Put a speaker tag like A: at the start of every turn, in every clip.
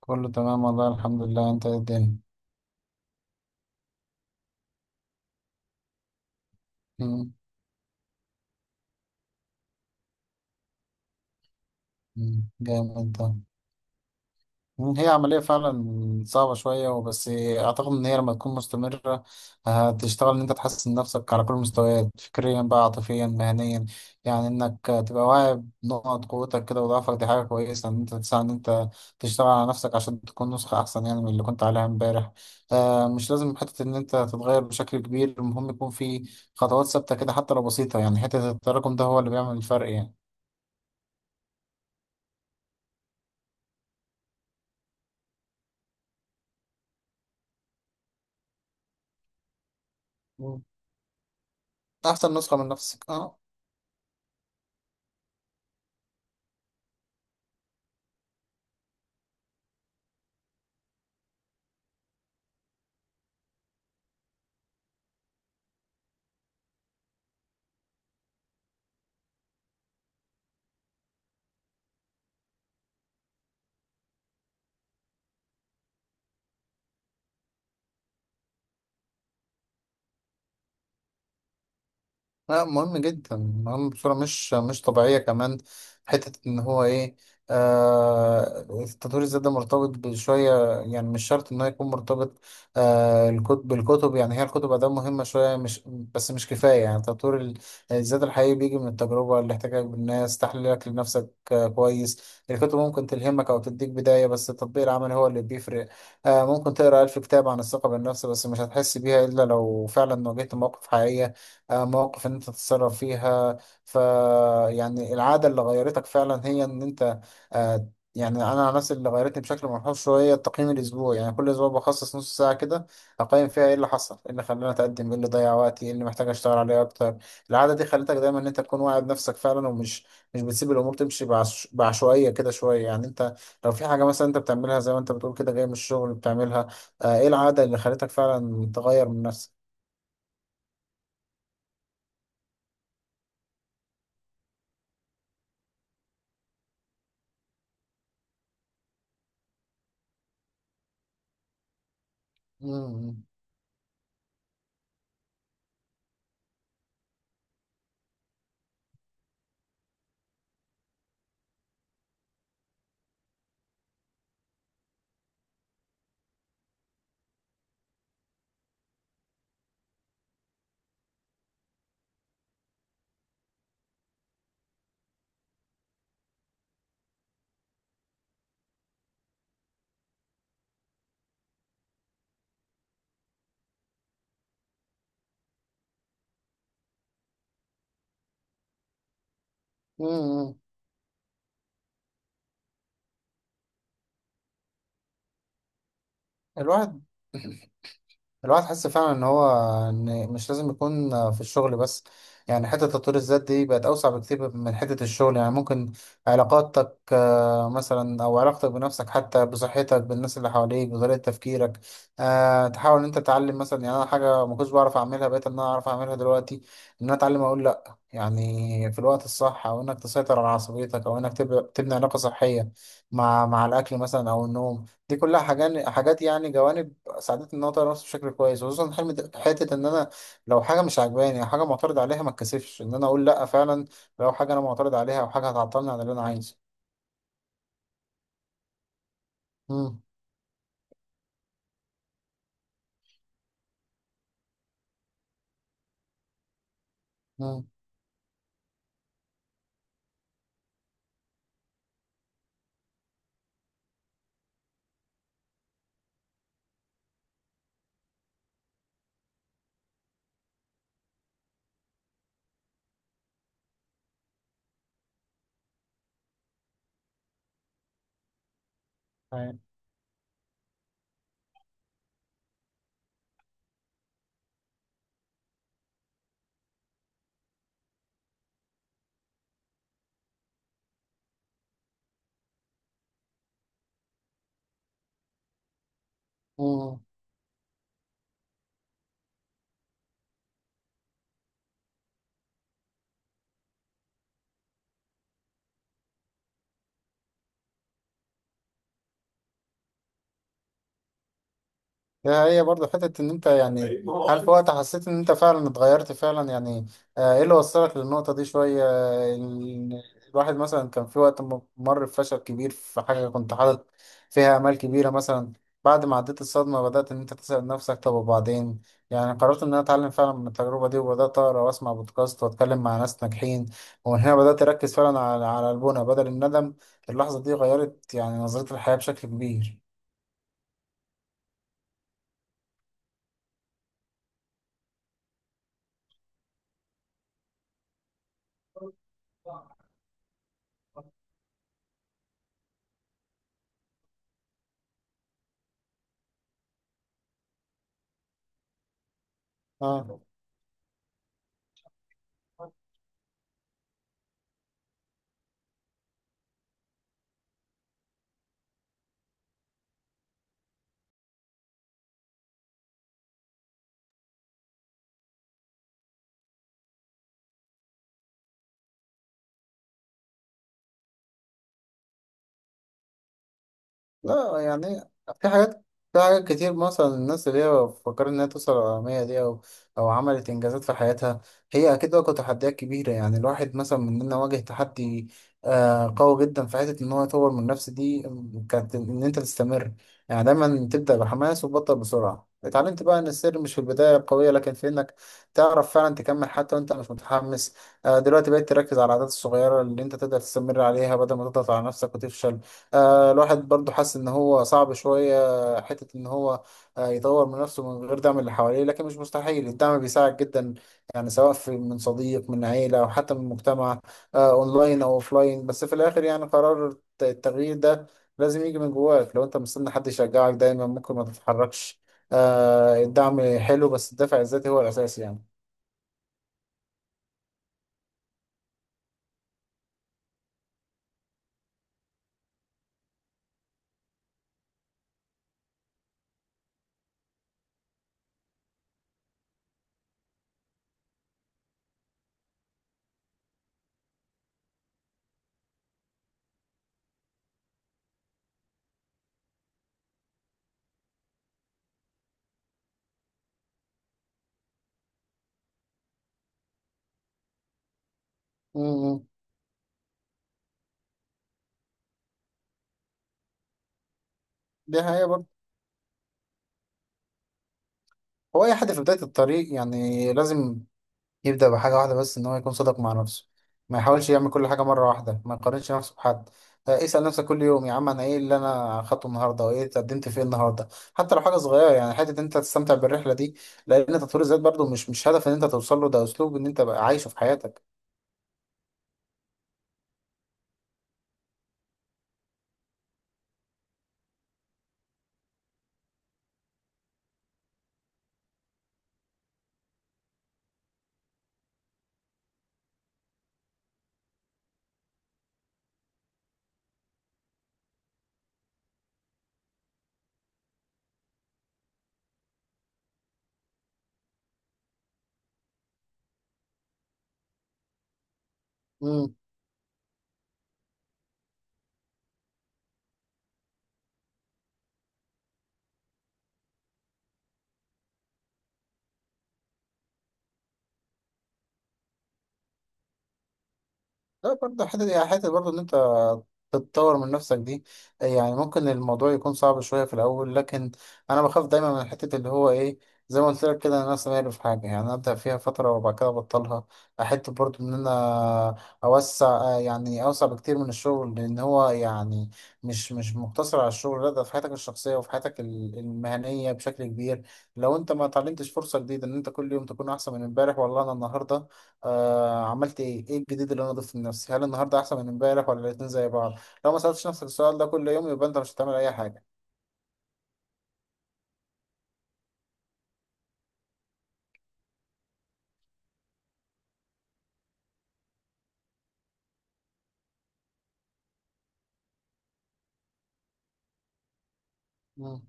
A: كله تمام والله الحمد لله، انت ايه الدنيا؟ مم. مم. جامد ده. مم. هي عملية فعلا صعبة شوية وبس أعتقد إن هي لما تكون مستمرة هتشتغل إن أنت تحسن نفسك على كل المستويات، فكريا بقى عاطفيا مهنيا. يعني إنك تبقى واعي بنقط قوتك كده وضعفك، دي حاجة كويسة إن أنت تساعد إن أنت تشتغل على نفسك عشان تكون نسخة أحسن، يعني من اللي كنت عليها إمبارح. مش لازم حتة إن أنت تتغير بشكل كبير، المهم يكون في خطوات ثابتة كده حتى لو بسيطة، يعني حتة التراكم ده هو اللي بيعمل الفرق يعني. مم. أحسن نسخة من نفسك أه. لا، مهم جدا، مهم بصورة مش طبيعية كمان. حتة إن هو إيه، التطوير الذات ده مرتبط بشوية، يعني مش شرط إن هو يكون مرتبط. الكتب بالكتب، يعني هي الكتب أداة مهمة شوية، مش بس مش كفاية، يعني تطوير الذات الحقيقي بيجي من التجربة، الاحتكاك بالناس، تحليلك لنفسك كويس. الكتب ممكن تلهمك أو تديك بداية بس التطبيق العملي هو اللي بيفرق. ممكن تقرأ ألف كتاب عن الثقة بالنفس بس مش هتحس بيها إلا لو فعلا واجهت مواقف حقيقية، مواقف ان انت تتصرف فيها. ف يعني العاده اللي غيرتك فعلا هي ان انت، آه، يعني انا عن نفسي اللي غيرتني بشكل ملحوظ شويه التقييم الاسبوعي، يعني كل اسبوع بخصص نص ساعه كده اقيم فيها ايه اللي حصل، ايه اللي خلاني اتقدم، ايه اللي ضيع وقتي، ايه اللي محتاج اشتغل عليه اكتر. العاده دي خلتك دايما ان انت تكون واعي بنفسك فعلا، ومش مش بتسيب الامور تمشي بعشوائيه كده شويه. يعني انت لو في حاجه مثلا انت بتعملها زي ما انت بتقول كده جاي من الشغل بتعملها، ايه العاده اللي خلتك فعلا تغير من نفسك؟ مم. مم. الواحد الواحد حس فعلا ان هو ان مش لازم يكون في الشغل بس، يعني حتة تطوير الذات دي بقت اوسع بكتير من حتة الشغل. يعني ممكن علاقاتك مثلا او علاقتك بنفسك حتى بصحتك بالناس اللي حواليك بطريقة تفكيرك. تحاول ان انت تتعلم مثلا، يعني انا حاجة ما كنتش بعرف اعملها بقيت ان انا اعرف اعملها دلوقتي، ان انا اتعلم اقول لا يعني في الوقت الصح، او انك تسيطر على عصبيتك، او انك تبني علاقة صحية مع الاكل مثلا او النوم. دي كلها حاجات يعني جوانب ساعدتني ان انا اطور نفسي بشكل كويس، وخصوصا حلم حته ان انا لو حاجه مش عاجباني او حاجه معترض عليها ما اتكسفش ان انا اقول لا فعلا، لو حاجه انا معترض عليها او حاجه هتعطلني عن اللي انا عايزه. امم امم ده هي برضه حتة إن أنت يعني طيب، ما هو هل في أصلاً وقت حسيت إن أنت فعلا اتغيرت فعلا يعني؟ إيه اللي وصلك للنقطة دي شوية، الواحد مثلا كان في وقت مر بفشل كبير في حاجة كنت حاطط فيها آمال كبيرة مثلا. بعد ما عديت الصدمة بدأت إن أنت تسأل نفسك طب وبعدين، يعني قررت إن أنا أتعلم فعلا من التجربة دي، وبدأت أقرأ وأسمع بودكاست وأتكلم مع ناس ناجحين، ومن هنا بدأت أركز فعلا على البنى بدل الندم. اللحظة دي غيرت يعني نظرتي للحياة بشكل كبير. آه. لا يعني في حاجات في حاجات كتير مثلا الناس اللي هي فكرت إنها توصل للعالمية دي، أو عملت إنجازات في حياتها. هي أكيد واجهت تحديات كبيرة، يعني الواحد مثلا مننا واجه تحدي قوي جدا في حتة إن هو يطور من نفسه، دي كانت إن أنت تستمر. يعني دايما تبدأ بحماس وتبطل بسرعة، اتعلمت بقى إن السر مش في البداية القوية لكن في إنك تعرف فعلا تكمل حتى وأنت مش متحمس. دلوقتي بقيت تركز على العادات الصغيرة اللي أنت تقدر تستمر عليها بدل ما تضغط على نفسك وتفشل. الواحد برضو حاسس ان هو صعب شوية حتة ان هو يطور من نفسه من غير دعم اللي حواليه، لكن مش مستحيل، الدعم بيساعد جدا. يعني سواء في من صديق من عيلة او حتى من مجتمع، اونلاين او اوفلاين، بس في الاخر يعني قرار التغيير ده لازم يجي من جواك، لو انت مستني حد يشجعك دايما ممكن ما تتحركش. الدعم حلو بس الدافع الذاتي هو الاساس يعني. م- م. دي حقيقة برضو. هو اي حد في بداية الطريق يعني لازم يبدأ بحاجة واحدة، بس إن هو يكون صادق مع نفسه، ما يحاولش يعمل كل حاجة مرة واحدة، ما يقارنش نفسه بحد. اسأل نفسك كل يوم يا عم، أنا إيه اللي أنا خدته النهاردة وإيه اتقدمت فيه النهاردة، حتى لو حاجة صغيرة، يعني حتة إن أنت تستمتع بالرحلة دي، لأن تطوير الذات برضو مش هدف إن أنت توصل له، ده أسلوب إن أنت بقى عايشه في حياتك. لا برضه حتة يعني، حتة برضه إن أنت تتطور من نفسك دي، يعني ممكن الموضوع يكون صعب شوية في الأول، لكن أنا بخاف دايما من حتة اللي هو إيه، زي ما قلت لك كده، أنا سامعني في حاجة يعني أبدأ فيها فترة وبعد كده أبطلها. أحب برضه إن أنا أوسع، يعني أوسع بكتير من الشغل، لأن هو يعني مش مقتصر على الشغل، لا ده في حياتك الشخصية وفي حياتك المهنية بشكل كبير. لو أنت ما اتعلمتش فرصة جديدة إن أنت كل يوم تكون أحسن من إمبارح، والله أنا النهاردة عملت ايه، ايه الجديد اللي انا ضفته لنفسي، هل النهارده احسن من امبارح ولا الاتنين زي بعض؟ لو ما سالتش نفسك السؤال ده كل يوم يبقى انت مش هتعمل اي حاجه. مم.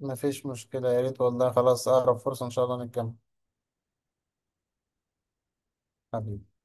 A: مفيش مشكله، يا ريت والله، خلاص اقرب فرصه ان شاء الله نتجمع. حبيبي.